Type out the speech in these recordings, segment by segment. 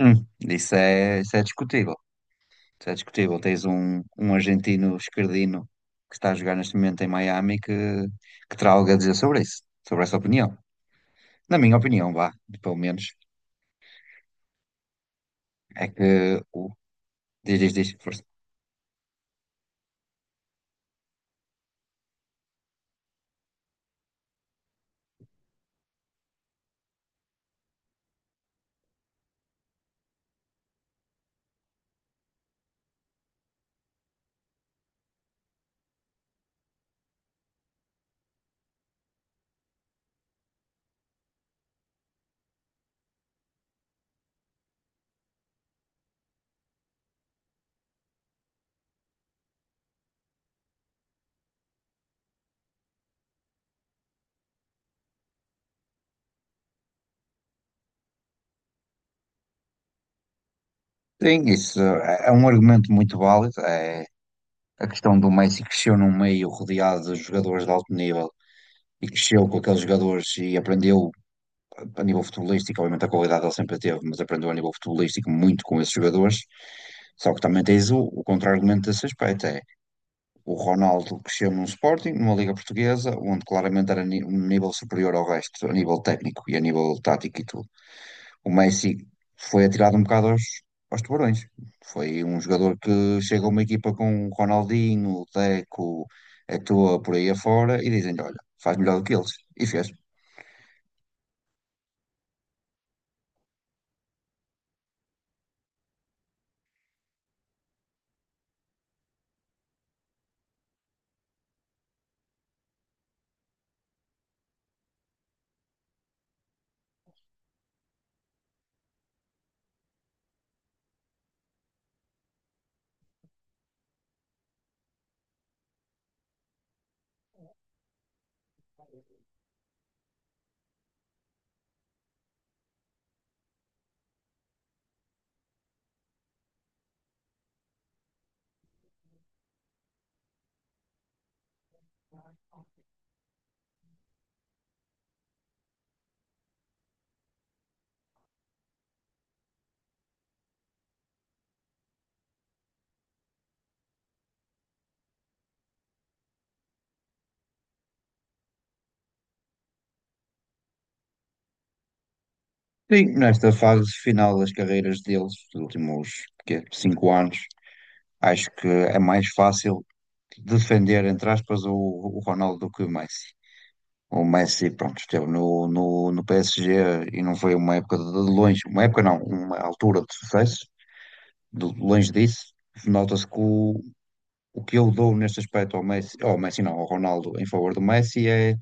Isso é discutível. Isso é discutível. Tens um argentino esquerdino que está a jogar neste momento em Miami que terá algo a dizer sobre isso, sobre essa opinião. Na minha opinião, vá, pelo menos, é que o. Diz, diz, diz, força. Sim, isso é um argumento muito válido. É a questão do Messi que cresceu num meio rodeado de jogadores de alto nível e cresceu com aqueles jogadores e aprendeu a nível futebolístico, obviamente a qualidade ele sempre teve, mas aprendeu a nível futebolístico muito com esses jogadores. Só que também tens o contra-argumento desse aspecto, é o Ronaldo cresceu num Sporting, numa Liga Portuguesa, onde claramente era um nível superior ao resto, a nível técnico e a nível tático e tudo. O Messi foi atirado um bocado aos tubarões. Foi um jogador que chega a uma equipa com o Ronaldinho, o Deco, Eto'o, por aí afora, e dizem-lhe, olha, faz melhor do que eles. E fez. Sim, nesta fase final das carreiras deles, dos últimos quê, 5 anos, acho que é mais fácil defender, entre aspas, o Ronaldo do que o Messi. O Messi, pronto, esteve no PSG e não foi uma época de longe, uma época não, uma altura de sucesso, de longe disso. Nota-se que o que eu dou neste aspecto ao Messi não, ao Ronaldo, em favor do Messi é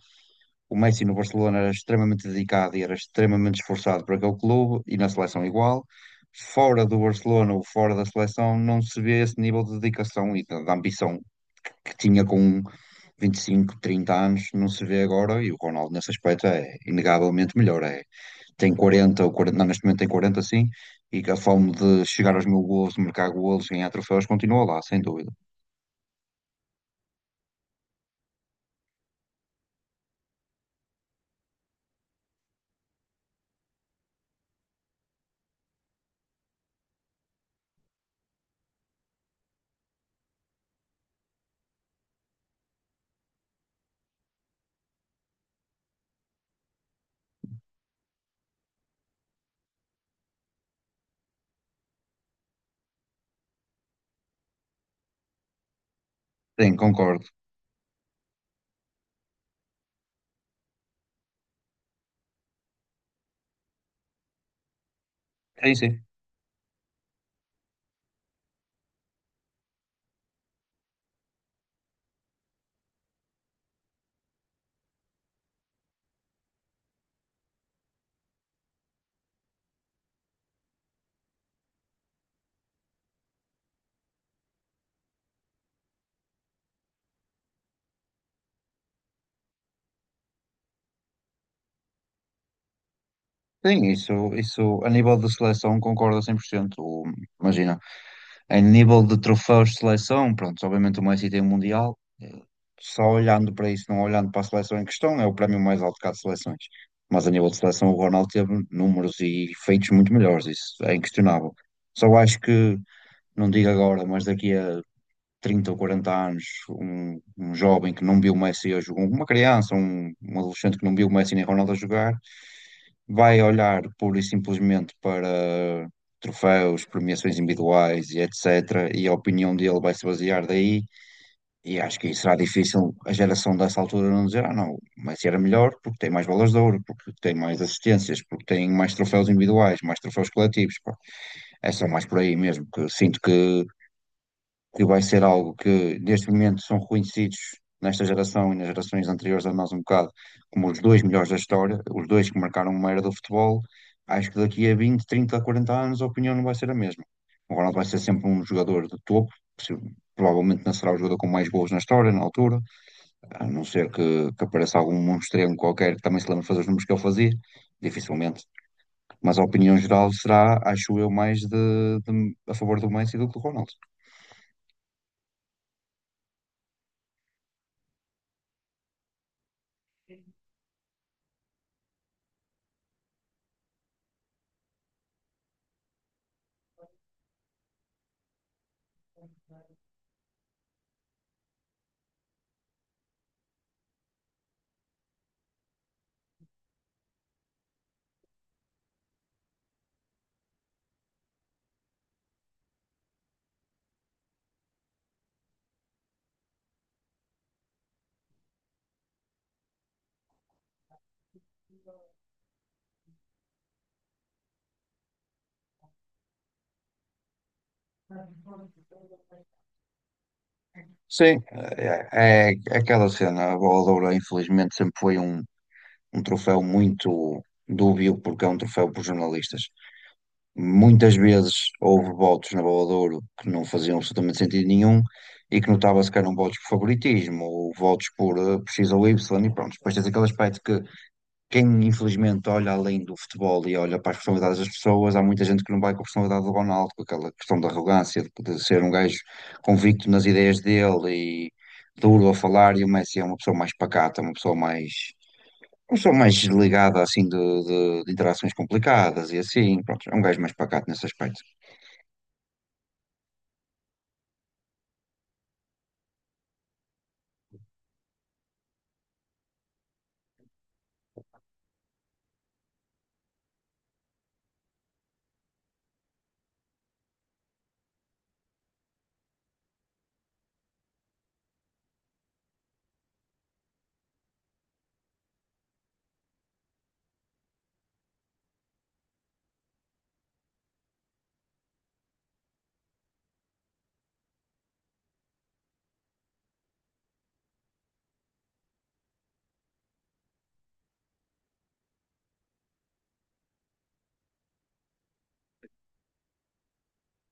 o Messi no Barcelona era extremamente dedicado e era extremamente esforçado para aquele clube e na seleção igual. Fora do Barcelona ou fora da seleção, não se vê esse nível de dedicação e da ambição que tinha com 25, 30 anos, não se vê agora. E o Ronaldo, nesse aspecto, é inegavelmente melhor. É, tem 40 ou 40, não, neste momento tem 40, sim, e que a fome de chegar aos mil golos, de marcar golos, ganhar troféus, continua lá, sem dúvida. Sim, concordo. Sim, sim. Sim, isso a nível de seleção concordo 100%. Imagina, em nível de troféus de seleção, pronto, obviamente o Messi tem o Mundial, só olhando para isso, não olhando para a seleção em questão, é o prémio mais alto que há de seleções. Mas a nível de seleção, o Ronaldo teve números e feitos muito melhores, isso é inquestionável. Só acho que, não digo agora, mas daqui a 30 ou 40 anos, um jovem que não viu o Messi a jogar, uma criança, um adolescente que não viu o Messi nem Ronaldo a jogar vai olhar pura e simplesmente para troféus, premiações individuais e etc. E a opinião dele vai se basear daí. E acho que será difícil a geração dessa altura não dizer, ah, não, o Messi era melhor porque tem mais bolas de ouro, porque tem mais assistências, porque tem mais troféus individuais, mais troféus coletivos. Pá. É só mais por aí mesmo, que eu sinto que vai ser algo que neste momento são reconhecidos nesta geração e nas gerações anteriores a nós um bocado como os dois melhores da história, os dois que marcaram uma era do futebol, acho que daqui a 20, 30, 40 anos a opinião não vai ser a mesma. O Ronaldo vai ser sempre um jogador de topo, possi- provavelmente não será o jogador com mais gols na história, na altura, a não ser que apareça algum monstrengo qualquer que também se lembre de fazer os números que ele fazia, dificilmente. Mas a opinião geral será, acho eu, mais de, a favor do Messi do que do Ronaldo. Sim, é aquela cena. A bola de ouro, infelizmente, sempre foi um troféu muito dúbio, porque é um troféu por jornalistas. Muitas vezes houve votos na bola de ouro que não faziam absolutamente sentido nenhum e que notava-se que eram votos por favoritismo ou votos por X ou Y. E pronto, depois tens aquele aspecto que quem infelizmente olha além do futebol e olha para as personalidades das pessoas, há muita gente que não vai com a personalidade do Ronaldo, com aquela questão da arrogância, de ser um gajo convicto nas ideias dele e duro a falar, e o Messi é uma pessoa mais pacata, uma pessoa mais desligada assim de interações complicadas e assim, pronto, é um gajo mais pacato nesse aspecto.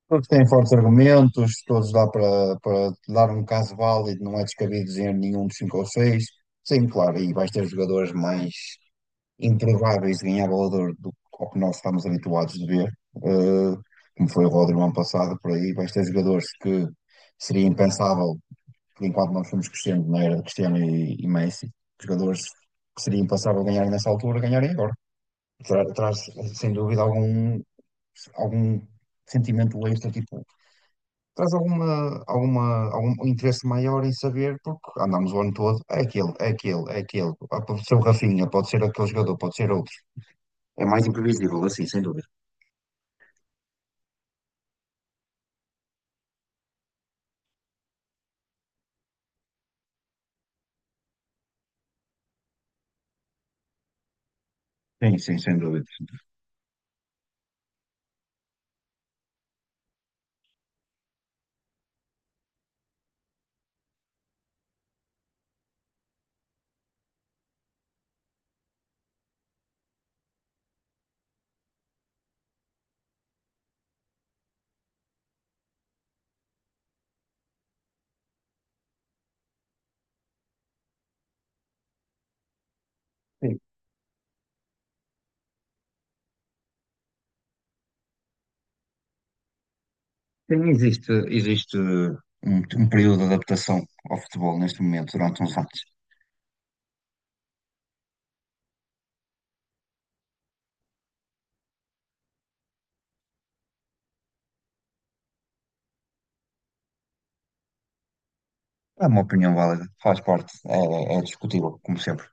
Todos têm fortes argumentos, todos dá para, dar um caso válido, não é descabido dizer nenhum dos cinco ou seis. Sim, claro, e vais ter jogadores mais improváveis de ganhar Bola de Ouro do ao que nós estamos habituados de ver, como foi o Rodri no ano passado, por aí, vais ter jogadores que seria impensável, por enquanto nós fomos crescendo na era de Cristiano e Messi, jogadores que seria impensável ganhar nessa altura, ganharem agora. Traz, sem dúvida, algum sentimento extra, tipo, traz algum interesse maior em saber, porque andamos o ano todo, é aquele, ah, pode ser o Rafinha, pode ser aquele jogador, pode ser outro. É mais imprevisível, assim, sem dúvida. Sim, sim, sem dúvida. Sim. Sim, existe um período de adaptação ao futebol neste momento, durante uns anos. É uma opinião válida, faz parte, é discutível, como sempre.